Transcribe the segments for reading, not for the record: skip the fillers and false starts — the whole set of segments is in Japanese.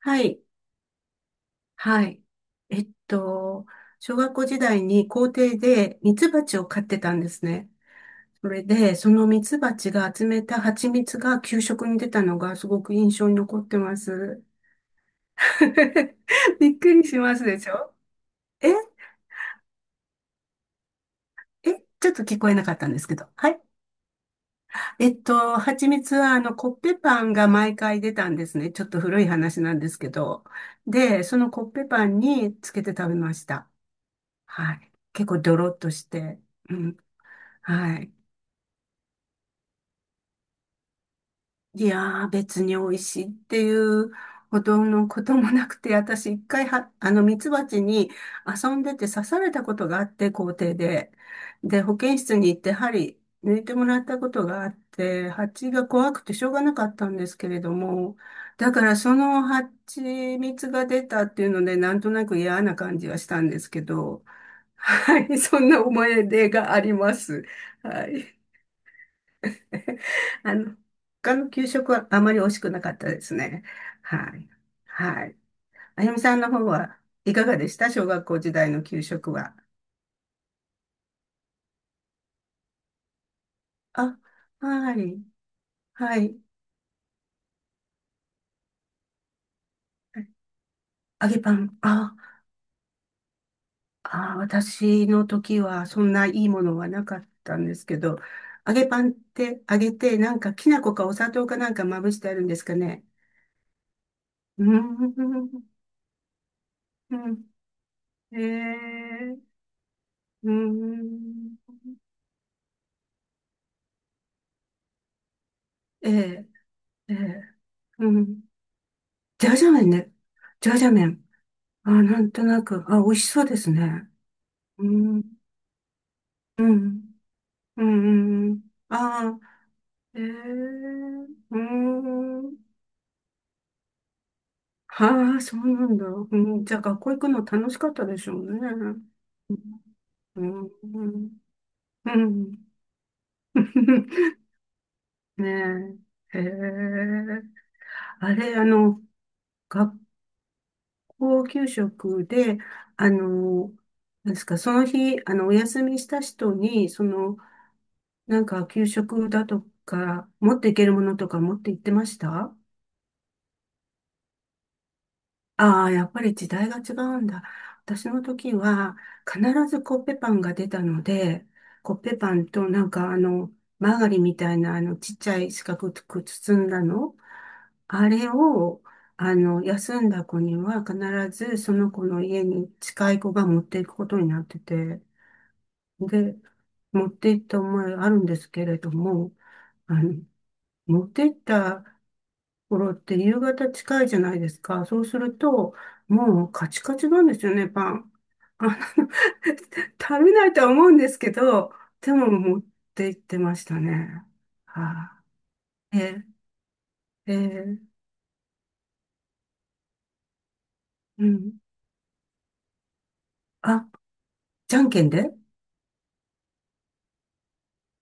はい、はい。えっと、小学校時代に校庭でミツバチを飼ってたんですね。それで、そのミツバチが集めた蜂蜜が給食に出たのがすごく印象に残ってます。びっくりしますでしょ？ええ、ちょっと聞こえなかったんですけど。はい。蜂蜜はあのコッペパンが毎回出たんですね。ちょっと古い話なんですけど。で、そのコッペパンにつけて食べました。はい。結構ドロッとして。うん。はい。いやー、別に美味しいっていうほどのこともなくて、私一回は、あの、ミツバチに遊んでて刺されたことがあって、校庭で。で、保健室に行って針抜いてもらったことがあって、蜂が怖くてしょうがなかったんですけれども、だからその蜂蜜が出たっていうので、なんとなく嫌な感じはしたんですけど、はい、そんな思い出があります。はい。あの、他の給食はあまり美味しくなかったですね。はい。はい。あやみさんの方はいかがでした？小学校時代の給食は。あ、はい。はい。揚げパン。あ、あ、私の時はそんないいものはなかったんですけど、揚げパンって揚げて、なんかきな粉かお砂糖かなんかまぶしてあるんですかね？うーん。うん。えー、うーん。えー、えー、うん。ジャージャー麺ね。ジャージャー麺。あ、なんとなく、あ、美味しそうですね。うん、うん、うん、うん。ああ、ええ、うん。はあ、そうなんだ。うん、じゃあ、学校行くの楽しかったでしょうね。うん、うん、うん。ねえ。へえ。あれ、あの、学校給食で、あの、なんですか、その日、あの、お休みした人に、その、なんか給食だとか、持っていけるものとか持って行ってました？ああ、やっぱり時代が違うんだ。私の時は必ずコッペパンが出たので、コッペパンとなんかあの、マーガリンみたいなあのちっちゃい四角く包んだの、あれをあの、休んだ子には必ずその子の家に近い子が持っていくことになってて、で、持って行った思いあるんですけれども、あの、持って行ったころって夕方近いじゃないですか。そうすると、もうカチカチなんですよね、パン。あの、食べないとは思うんですけど、でも持って行ってましたね。はあ、ええ、ええ、うん。あ、じゃんけんで、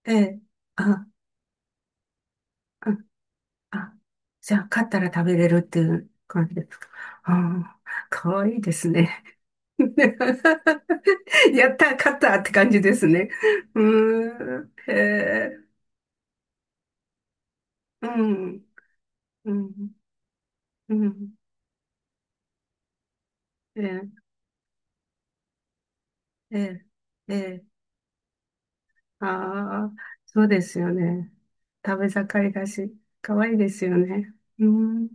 ええ、あ、あ、あ、じゃあ勝ったら食べれるっていう感じですか？ああ、かわいいですね。やった、勝ったって感じですね。うーん、へえ。うん、うん、うん。ええ、ええ、ええ。ああ、そうですよね。食べ盛りだし、可愛いですよね。うん。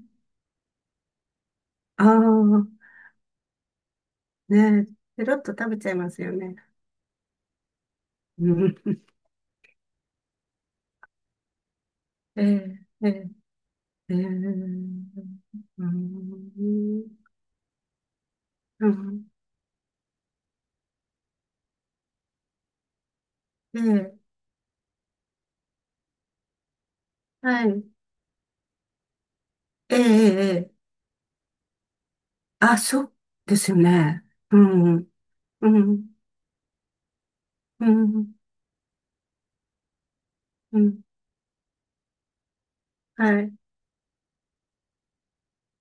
ああ、ねえ、ペロッと食べちゃいますよね。うん。ええ、ええ、ええ。うん。うん。ええ、はい。ええ、ええ、ええ、あ、そうですよね。うん、うん、うん、うん。はい。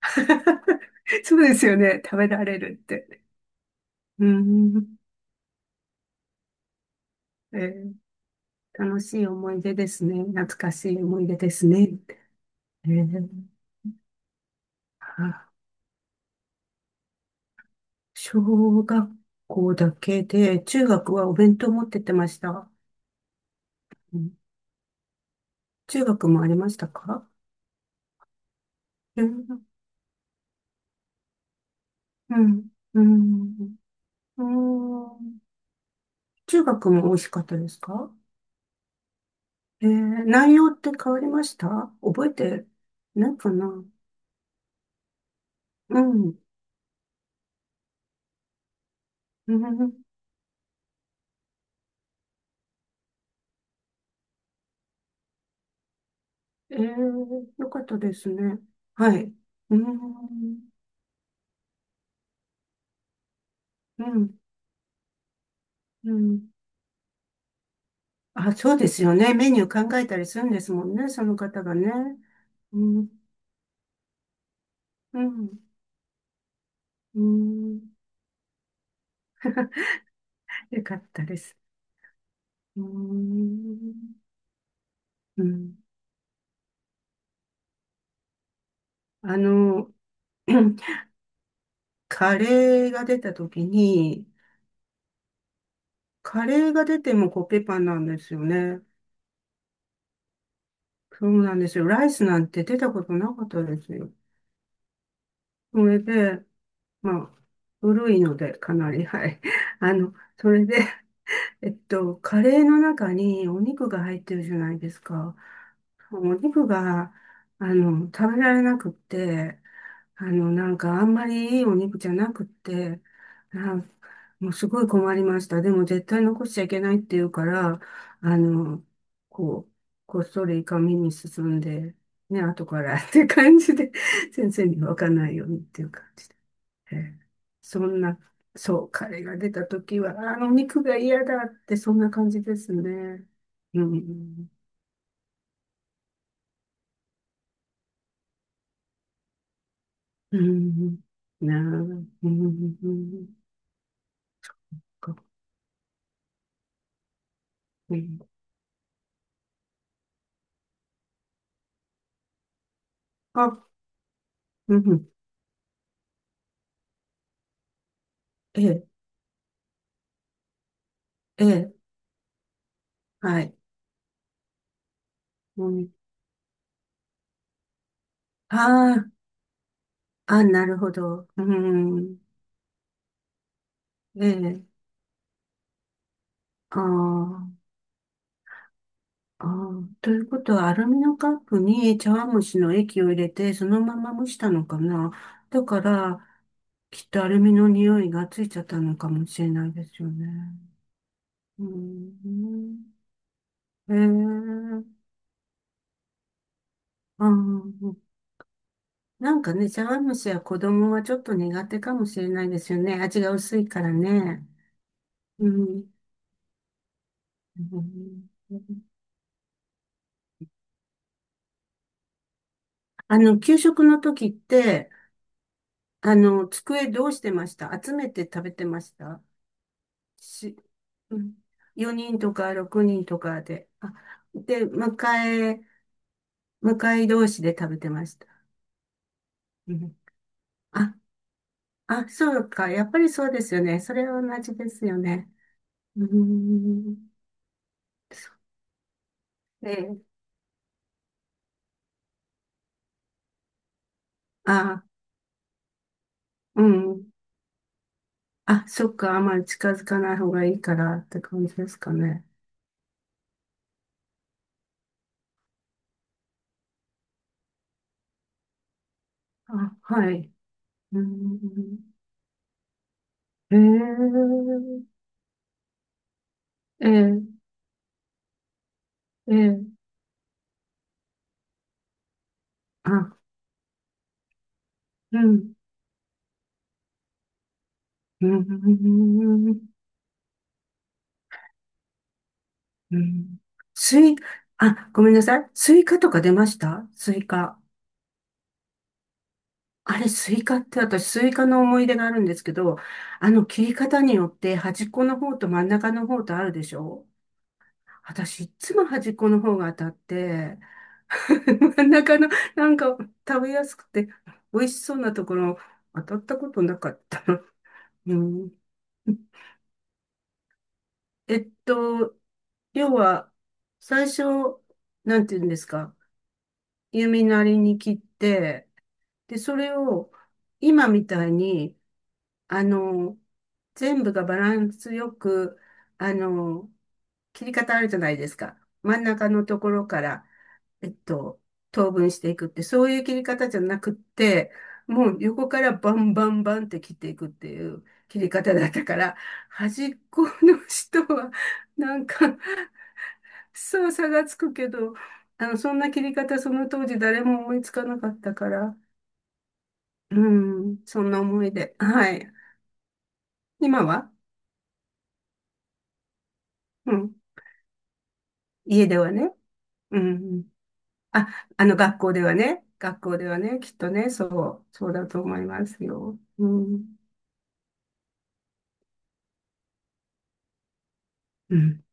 そうですよね。食べられるって。うん。えー楽しい思い出ですね。懐かしい思い出ですね。えーあ、小学校だけで、中学はお弁当持ってってました。うん。中学もありましたか？うん、うん、うん、うん。中学も美味しかったですか？内容って変わりました？覚えてないかな。うん、うん、ええ、よかったですね。はい。うーん、うん、うん。あ、そうですよね。メニュー考えたりするんですもんね、その方がね。うん、うん、うん。よかったです。うーん、うん。あの、カレーが出た時に、カレーが出てもコッペパンなんですよね。そうなんですよ。ライスなんて出たことなかったですよ。それで、まあ、古いので、かなり、はい。あの、それで、カレーの中にお肉が入ってるじゃないですか。お肉が、あの、食べられなくって、あの、なんか、あんまりいいお肉じゃなくって、なんもうすごい困りました。でも、絶対残しちゃいけないっていうから、あの、こう、こっそり紙に進んで、ね、後からって感じで、先生に分かんないようにっていう感じで。ええ、そんな、そう、彼が出た時は、あの肉が嫌だって、そんな感じですね。うん、うん、なあ、うん、か、うん、あ、うん、ええ、ええ、はい。うん、ああ、あ、なるほど。うん、ええ、ああ。ああ、ということは、アルミのカップに茶碗蒸しの液を入れて、そのまま蒸したのかな。だから、きっとアルミの匂いがついちゃったのかもしれないですよね。うん。へえ。あー、なんかね、茶碗蒸しは子供はちょっと苦手かもしれないですよね。味が薄いからね。うん。うん。あの、給食の時って、あの、机どうしてました？集めて食べてましたし、うん、4人とか6人とかで、あ、で、向かい同士で食べてました。うん、あ、あ、そうか。やっぱりそうですよね。それは同じですよね。うーん。そう、ええ、あ、うん。あ、そっか。あんまり近づかない方がいいからって感じですかね。あ、はい。うーん。ええ、ええ、ええ、あ、うん。うーん。うん。スイ、あ、ごめんなさい。スイカとか出ました？スイカ。あれ、スイカって私、スイカの思い出があるんですけど、あの、切り方によって端っこの方と真ん中の方とあるでしょ？私、いつも端っこの方が当たって、真ん中の、なんか、食べやすくて、美味しそうなところ、当たったことなかった。うん。えっと、要は、最初、なんて言うんですか、弓なりに切って、で、それを今みたいに、あの、全部がバランスよく、あの、切り方あるじゃないですか。真ん中のところから、えっと、等分していくって、そういう切り方じゃなくって、もう横からバンバンバンって切っていくっていう切り方だったから、端っこの人は、なんか、そう差がつくけど、あの、そんな切り方、その当時誰も思いつかなかったから、うん、そんな思いで。はい。今は。うん。家ではね。うん。あ、あの学校ではね。学校ではね。きっとね。そう。そうだと思いますよ。うん。うん。